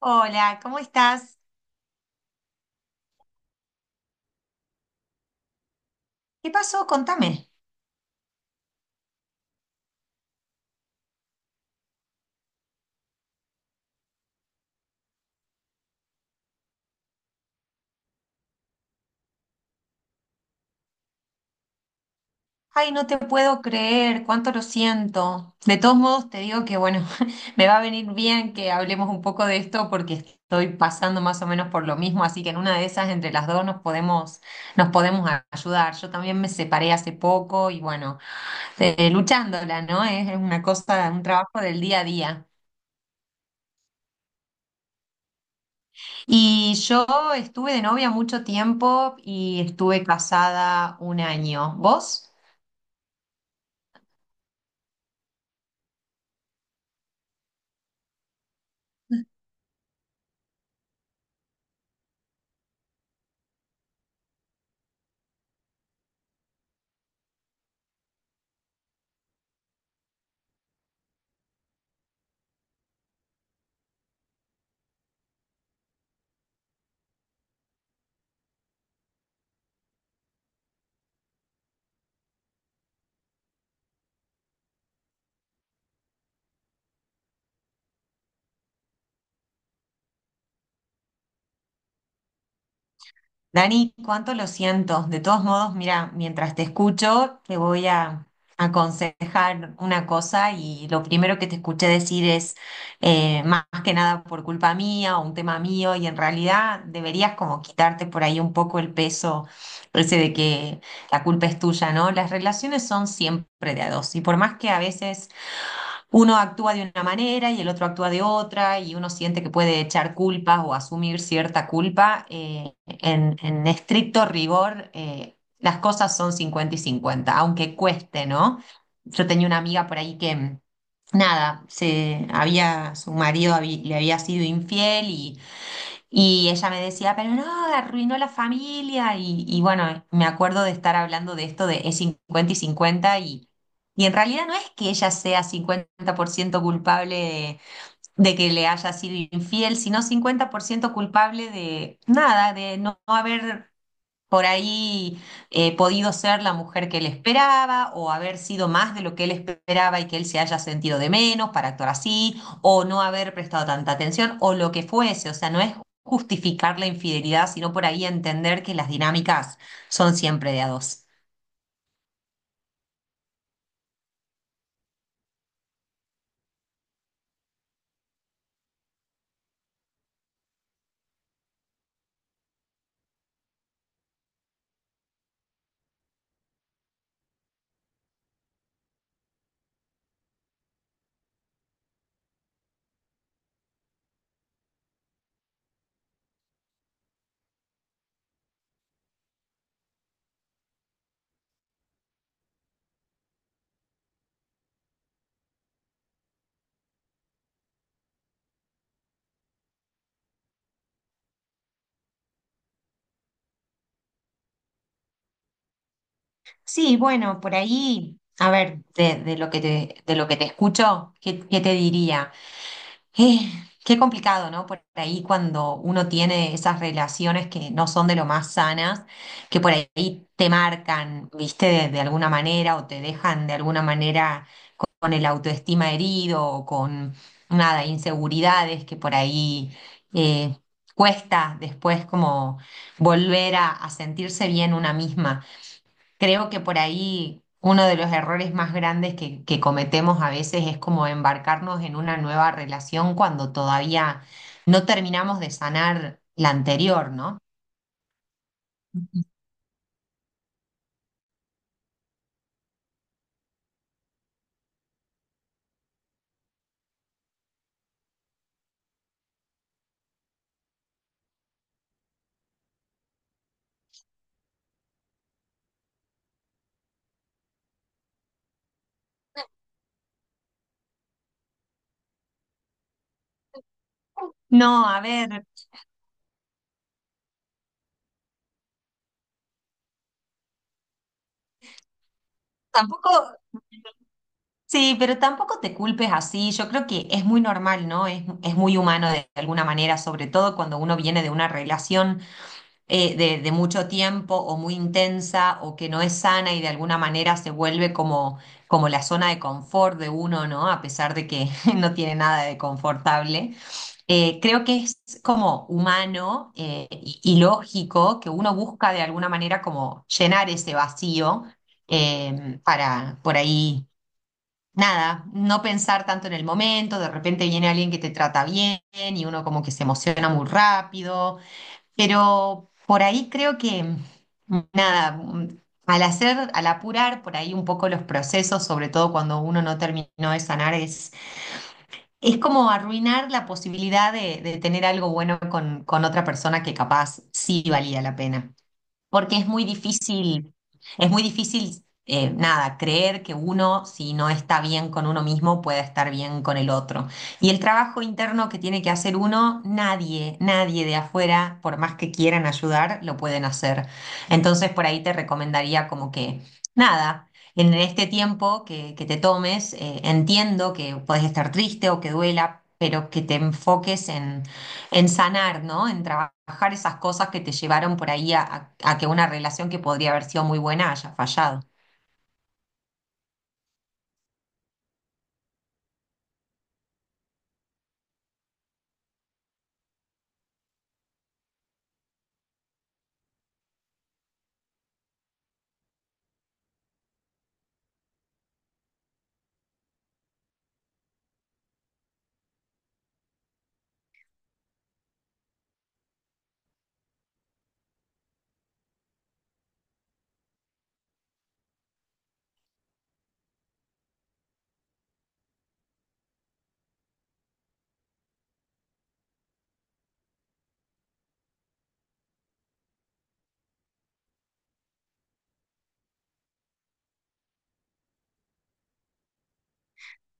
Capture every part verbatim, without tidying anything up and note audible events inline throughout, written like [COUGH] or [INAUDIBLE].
Hola, ¿cómo estás? ¿Qué pasó? Contame. Ay, no te puedo creer, cuánto lo siento. De todos modos, te digo que, bueno, [LAUGHS] me va a venir bien que hablemos un poco de esto porque estoy pasando más o menos por lo mismo, así que en una de esas, entre las dos, nos podemos, nos podemos a- ayudar. Yo también me separé hace poco y, bueno, eh, luchándola, ¿no? Es es una cosa, un trabajo del día a día. Y yo estuve de novia mucho tiempo y estuve casada un año. ¿Vos? Dani, cuánto lo siento. De todos modos, mira, mientras te escucho, te voy a aconsejar una cosa y lo primero que te escuché decir es eh, más que nada por culpa mía o un tema mío y en realidad deberías como quitarte por ahí un poco el peso ese de que la culpa es tuya, ¿no? Las relaciones son siempre de a dos y por más que a veces uno actúa de una manera y el otro actúa de otra y uno siente que puede echar culpas o asumir cierta culpa. eh, en, en estricto rigor, eh, las cosas son cincuenta y cincuenta, aunque cueste, ¿no? Yo tenía una amiga por ahí que, nada, se había, su marido habí- le había sido infiel y y ella me decía, pero no, arruinó la familia. Y, y bueno, me acuerdo de estar hablando de esto de es cincuenta y cincuenta y, y en realidad no es que ella sea cincuenta por ciento culpable de, de que le haya sido infiel, sino cincuenta por ciento culpable de nada, de no, no haber por ahí eh, podido ser la mujer que él esperaba o haber sido más de lo que él esperaba y que él se haya sentido de menos para actuar así o no haber prestado tanta atención o lo que fuese. O sea, no es justificar la infidelidad, sino por ahí entender que las dinámicas son siempre de a dos. Sí, bueno, por ahí, a ver, de, de lo que te, de lo que te escucho, ¿qué, qué te diría? Eh, qué complicado, ¿no? Por ahí cuando uno tiene esas relaciones que no son de lo más sanas, que por ahí te marcan, ¿viste? De, de alguna manera o te dejan de alguna manera con el autoestima herido o con, nada, inseguridades que por ahí eh, cuesta después como volver a, a sentirse bien una misma. Creo que por ahí uno de los errores más grandes que, que cometemos a veces es como embarcarnos en una nueva relación cuando todavía no terminamos de sanar la anterior, ¿no? No, a ver, tampoco, sí, pero tampoco te culpes así. Yo creo que es muy normal, ¿no? Es, es muy humano de alguna manera, sobre todo cuando uno viene de una relación. eh, de, de mucho tiempo o muy intensa o que no es sana y de alguna manera se vuelve como, como la zona de confort de uno, ¿no? A pesar de que [LAUGHS] no tiene nada de confortable. Eh, creo que es como humano, eh, y, y lógico que uno busca de alguna manera como llenar ese vacío, eh, para por ahí nada, no pensar tanto en el momento, de repente viene alguien que te trata bien y uno como que se emociona muy rápido, pero por ahí creo que, nada, al hacer, al apurar por ahí un poco los procesos, sobre todo cuando uno no terminó de sanar, es, es como arruinar la posibilidad de, de tener algo bueno con, con otra persona que capaz sí valía la pena porque es muy difícil, es muy difícil, eh, nada, creer que uno, si no está bien con uno mismo, puede estar bien con el otro. Y el trabajo interno que tiene que hacer uno, nadie, nadie de afuera, por más que quieran ayudar, lo pueden hacer. Entonces, por ahí te recomendaría como que, nada. En este tiempo que, que te tomes, eh, entiendo que puedes estar triste o que duela, pero que te enfoques en sanar, ¿no? En trabajar esas cosas que te llevaron por ahí a, a- a que una relación que podría haber sido muy buena haya fallado.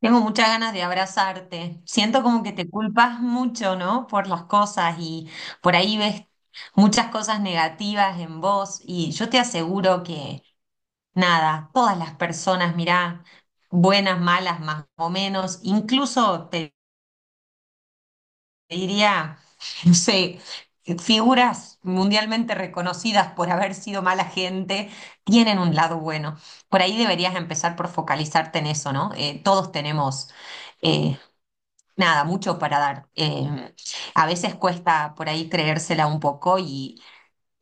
Tengo muchas ganas de abrazarte. Siento como que te culpas mucho, ¿no? Por las cosas y por ahí ves muchas cosas negativas en vos y yo te aseguro que nada, todas las personas, mirá, buenas, malas, más o menos, incluso te diría, no sé, figuras mundialmente reconocidas por haber sido mala gente, tienen un lado bueno. Por ahí deberías empezar por focalizarte en eso, ¿no? Eh, todos tenemos, eh, nada, mucho para dar. Eh, a veces cuesta por ahí creérsela un poco y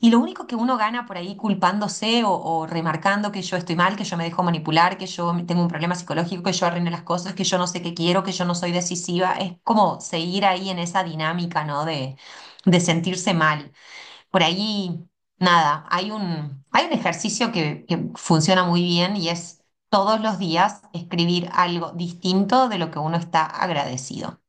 y lo único que uno gana por ahí culpándose o, o remarcando que yo estoy mal, que yo me dejo manipular, que yo tengo un problema psicológico, que yo arruino las cosas, que yo no sé qué quiero, que yo no soy decisiva, es como seguir ahí en esa dinámica, ¿no? De, de sentirse mal. Por ahí, nada, hay un, hay un ejercicio que, que funciona muy bien y es todos los días escribir algo distinto de lo que uno está agradecido.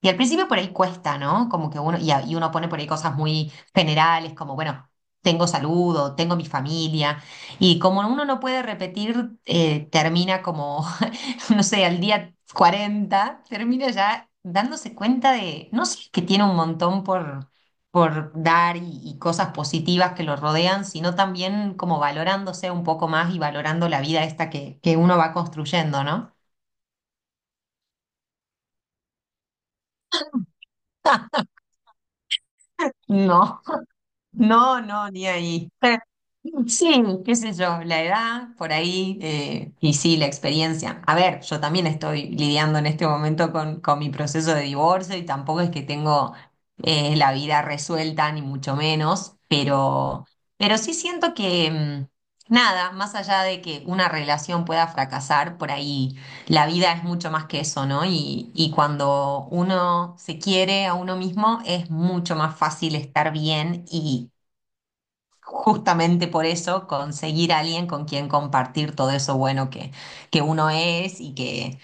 Y al principio por ahí cuesta, ¿no? Como que uno, y, a- y uno pone por ahí cosas muy generales, como, bueno, tengo salud o tengo mi familia. Y como uno no puede repetir, eh, termina como, [LAUGHS] no sé, al día cuarenta termina ya dándose cuenta de, no sé, que tiene un montón por, por dar y, y cosas positivas que lo rodean, sino también como valorándose un poco más y valorando la vida esta que, que uno va construyendo, ¿no? No. No, no, ni ahí. Pero, Sí, qué sé yo, la edad por ahí eh, y sí, la experiencia. A ver, yo también estoy lidiando en este momento con, con mi proceso de divorcio y tampoco es que tengo eh, la vida resuelta, ni mucho menos, pero, pero, sí siento que mm, nada, más allá de que una relación pueda fracasar, por ahí la vida es mucho más que eso, ¿no? Y, y cuando uno se quiere a uno mismo es mucho más fácil estar bien y justamente por eso conseguir a alguien con quien compartir todo eso bueno que, que uno es y que,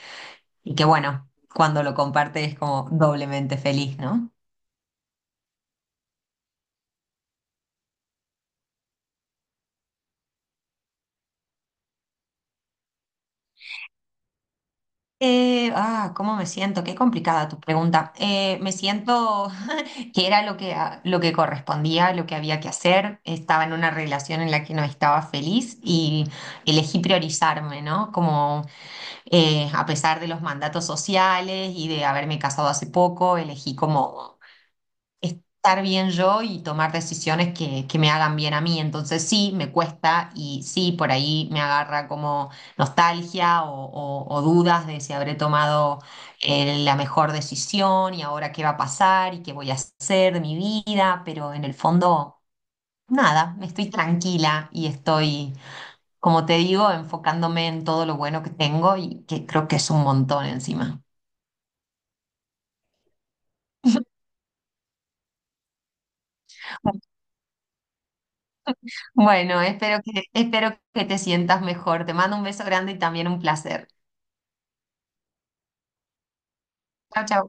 y que bueno, cuando lo comparte es como doblemente feliz, ¿no? Eh, ah, ¿cómo me siento? Qué complicada tu pregunta. Eh, me siento [LAUGHS] que era lo que, a- lo que correspondía, lo que había que hacer. Estaba en una relación en la que no estaba feliz y elegí priorizarme, ¿no? Como eh, a pesar de los mandatos sociales y de haberme casado hace poco, elegí como estar bien yo y tomar decisiones que, que me hagan bien a mí. Entonces sí, me cuesta y sí, por ahí me agarra como nostalgia o, o- o dudas de si habré tomado eh, la mejor decisión y ahora qué va a pasar y qué voy a hacer de mi vida, pero en el fondo, nada, estoy tranquila y estoy, como te digo, enfocándome en todo lo bueno que tengo y que creo que es un montón encima. [LAUGHS] Bueno, espero que, espero que te sientas mejor. Te mando un beso grande y también un placer. Chao, chao.